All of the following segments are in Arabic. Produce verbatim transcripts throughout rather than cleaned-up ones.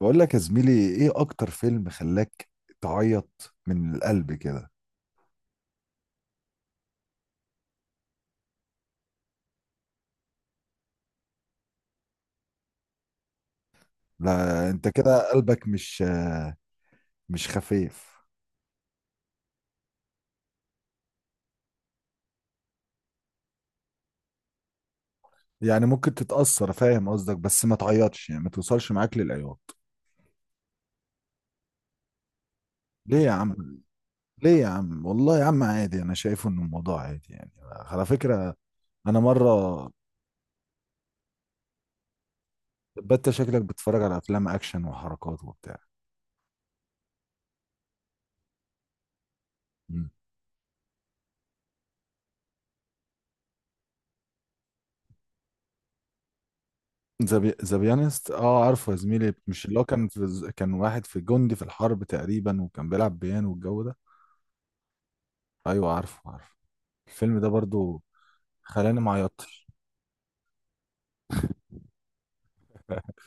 بقول لك يا زميلي، ايه اكتر فيلم خلاك تعيط من القلب كده؟ لا، انت كده قلبك مش آه، مش خفيف. يعني ممكن تتأثر، فاهم قصدك، بس ما تعيطش، يعني ما توصلش معاك للعياط. ليه يا عم؟ ليه يا عم؟ والله يا عم عادي، انا شايفه ان الموضوع عادي يعني، على فكرة. انا مرة، بت شكلك بتتفرج على افلام اكشن وحركات وبتاع. ذا بي- ذا بيانست؟ اه عارفه يا زميلي، مش اللي هو كان في كان واحد، في جندي في الحرب تقريبا، وكان بيلعب بيانو والجو ده. ايوه عارفه عارفه. الفيلم ده برضو خلاني ما عيطتش.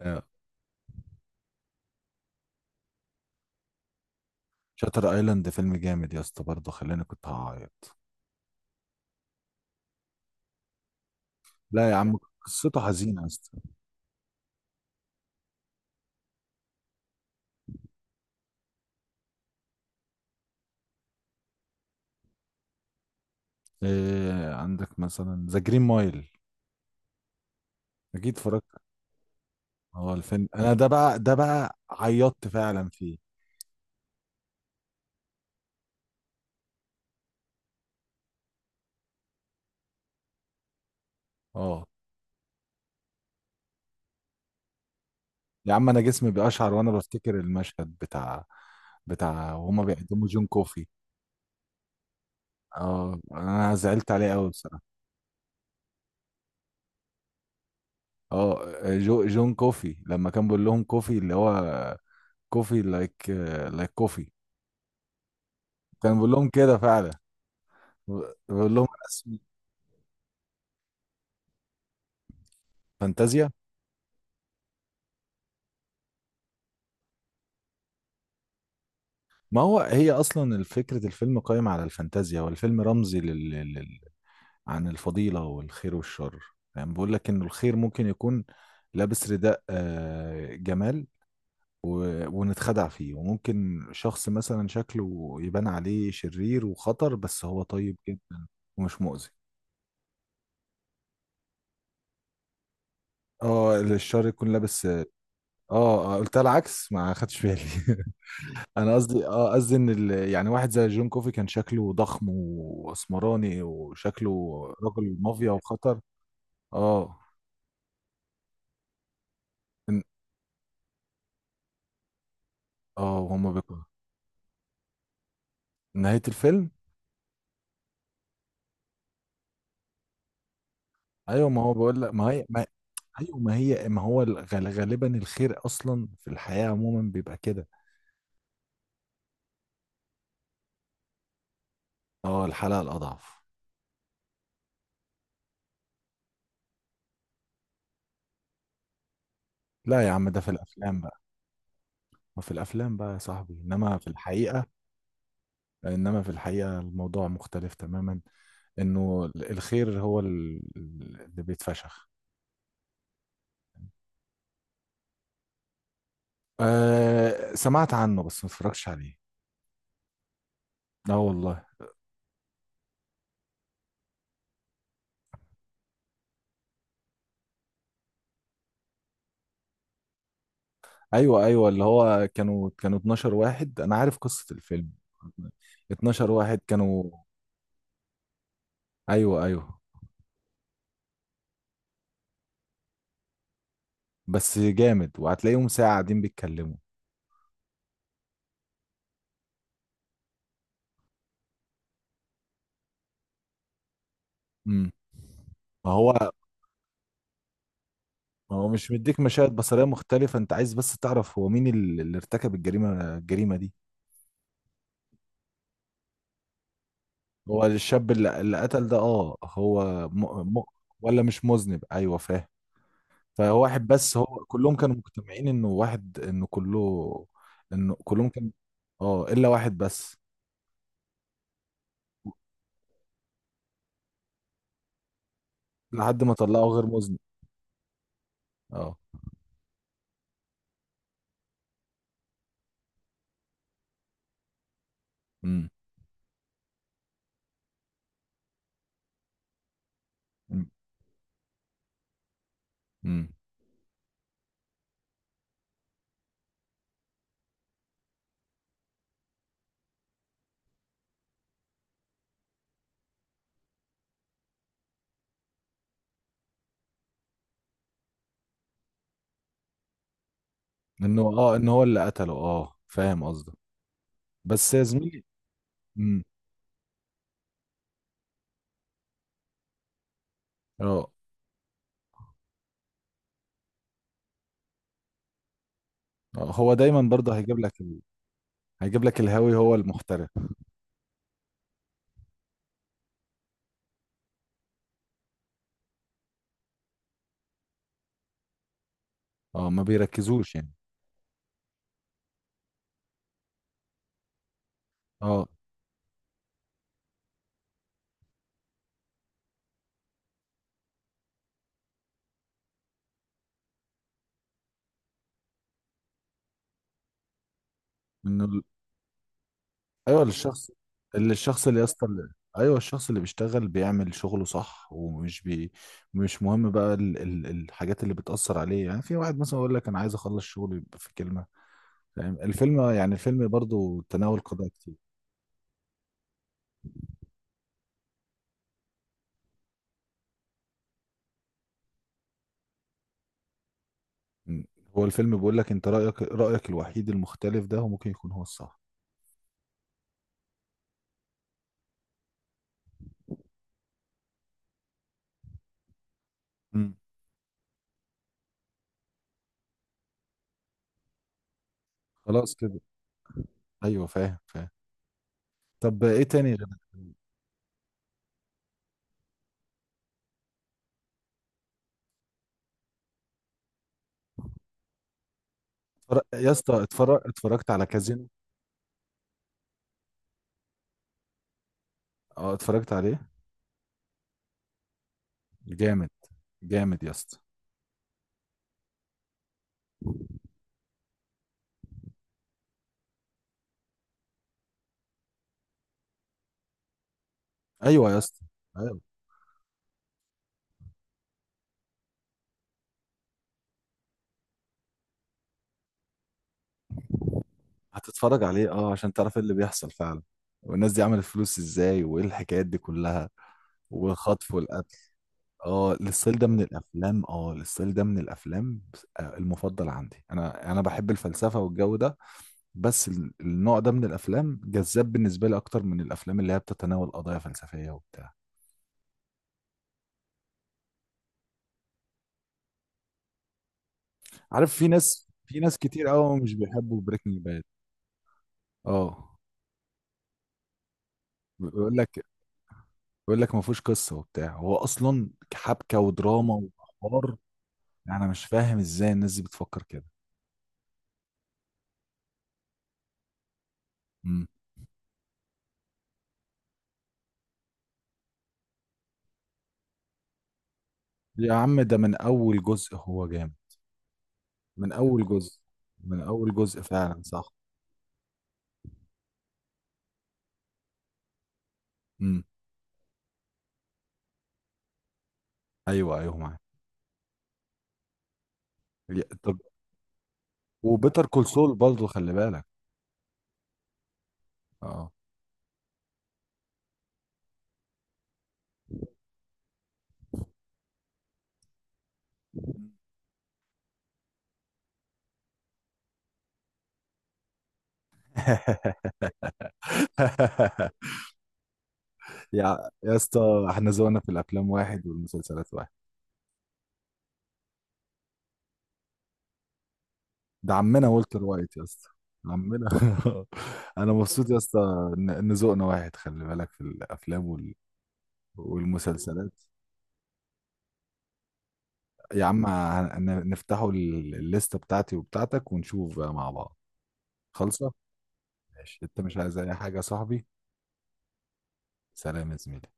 آه. شاتر ايلاند فيلم جامد يا اسطى، برضو خلاني كنت هعيط. لا يا عم قصته حزينه يا اسطى. إيه عندك مثلا ذا جرين مايل؟ اكيد اتفرجت. هو الفيلم انا ده بقى ده بقى عيطت فعلا فيه. اه، يا عم انا جسمي بيقشعر وانا بفتكر المشهد بتاع بتاع وهما بيقدموا جون كوفي. اه انا زعلت عليه قوي بصراحه. اه، جو جون كوفي لما كان بيقول لهم كوفي، اللي هو كوفي لايك، لايك كوفي. كان بيقول لهم كده فعلا، بيقول لهم أنا اسمي. فانتازيا. ما هو هي اصلا فكره الفيلم قائمه على الفانتازيا، والفيلم رمزي لل... لل... عن الفضيله والخير والشر. يعني بيقول لك انه الخير ممكن يكون لابس رداء آه، جمال، و... ونتخدع فيه، وممكن شخص مثلا شكله يبان عليه شرير وخطر بس هو طيب جدا ومش مؤذي. اه الشر يكون لابس، اه. آه، قلتها العكس، ما خدتش بالي. انا قصدي، اه قصدي ان ال... يعني واحد زي جون كوفي كان شكله ضخم واسمراني، وشكله رجل مافيا وخطر. اه. إن... اه وهم بيكرهوا نهاية الفيلم. ايوه ما هو بقول لك، ما هي ما... ايوه ما هي ما هو الغ- غالبا الخير اصلا في الحياة عموما بيبقى كده. اه الحلقة الأضعف. لا يا عم ده في الأفلام بقى. ما في الأفلام بقى يا صاحبي، إنما في الحقيقة. إنما في الحقيقة الموضوع مختلف تماما، إنه الخير هو ال- اللي بيتفشخ. آه سمعت عنه بس ما اتفرجتش عليه. لا والله. أيوه أيوه، اللي هو كانوا كانوا اتناشر واحد، أنا عارف قصة الفيلم. اتناشر واحد كانوا. أيوه أيوه. بس جامد، وهتلاقيهم ساعة قاعدين بيتكلموا. امم. ما هو ما هو مش مديك مشاهد بصرية مختلفة، انت عايز بس تعرف هو مين ال- اللي ارتكب الجريمة الجريمة دي. هو الشاب اللي, اللي قتل ده، اه هو. م... م... ولا مش مذنب، ايوه فاهم. فهو واحد، بس هو كلهم كانوا مجتمعين انه واحد، انه كله. انه كلهم كانوا. اه الا واحد بس. لحد ما طلعه غير مذنب. اه. امم. امم. انه اه ان هو اللي قتله، اه فاهم قصدك. بس يا زميلي. امم. اه، آه، هو دايما برضه هيجيب لك ال... هيجيب لك الهاوي هو المحترف. اه ما بيركزوش يعني. اه، انه ال- ايوه، الشخص اللي، الشخص اللي يسطا. ايوه الشخص اللي بيشتغل، بيعمل شغله صح ومش بي مش مهم بقى ال... ال... الحاجات اللي بتأثر عليه، يعني في واحد مثلا يقول لك انا عايز اخلص شغلي في كلمة، فاهم الفيلم يعني الفيلم برضو تناول قضايا كتير. م. هو الفيلم بيقول لك انت رأيك، رأيك الوحيد المختلف ده هو ممكن يكون هو الصح. م. خلاص كده. ايوه فاهم فاهم. طب ايه تاني غير؟ اتفرج... يا اسطى، اتفرج... اتفرجت على كازينو؟ اه اتفرجت عليه. جامد. جامد يا اسطى. ايوه يا اسطى. ايوه. هتتفرج عليه اه عشان تعرف ايه اللي بيحصل فعلا، والناس دي عملت فلوس ازاي، وايه الحكايات دي كلها، والخطف والقتل. اه الستايل ده من الافلام اه الستايل ده من الافلام، آه، المفضل عندي. انا انا بحب الفلسفه والجو ده، بس ال- النوع ده من الافلام جذاب بالنسبه لي اكتر من الافلام اللي هي بتتناول قضايا فلسفيه وبتاع. عارف، في ناس في ناس كتير قوي مش بيحبوا بريكنج باد. اه بيقول لك، بيقول لك ما فيهوش قصه وبتاع، هو اصلا حبكه ودراما وحوار. يعني انا مش فاهم ازاي الناس دي بتفكر كده. امم. يا عم ده من اول جزء هو جامد. من اول جزء. من اول جزء فعلا صح. امم. ايوه ايوه معاك. يا- طب. وبيتر كول سول برضه خلي بالك. اه. يا يا اسطى، احنا ذوقنا في الافلام واحد والمسلسلات واحد. ده عمنا والتر وايت يا اسطى. عمنا. انا مبسوط يا اسطى، ان إن ذوقنا واحد، خلي بالك، في الافلام والمسلسلات. يا عم، هن- نفتحوا ال- الليستة بتاعتي وبتاعتك ونشوف بقى مع بعض. خالصة. ماشي. انت مش عايز اي حاجة يا صاحبي؟ سلام يا زميلي.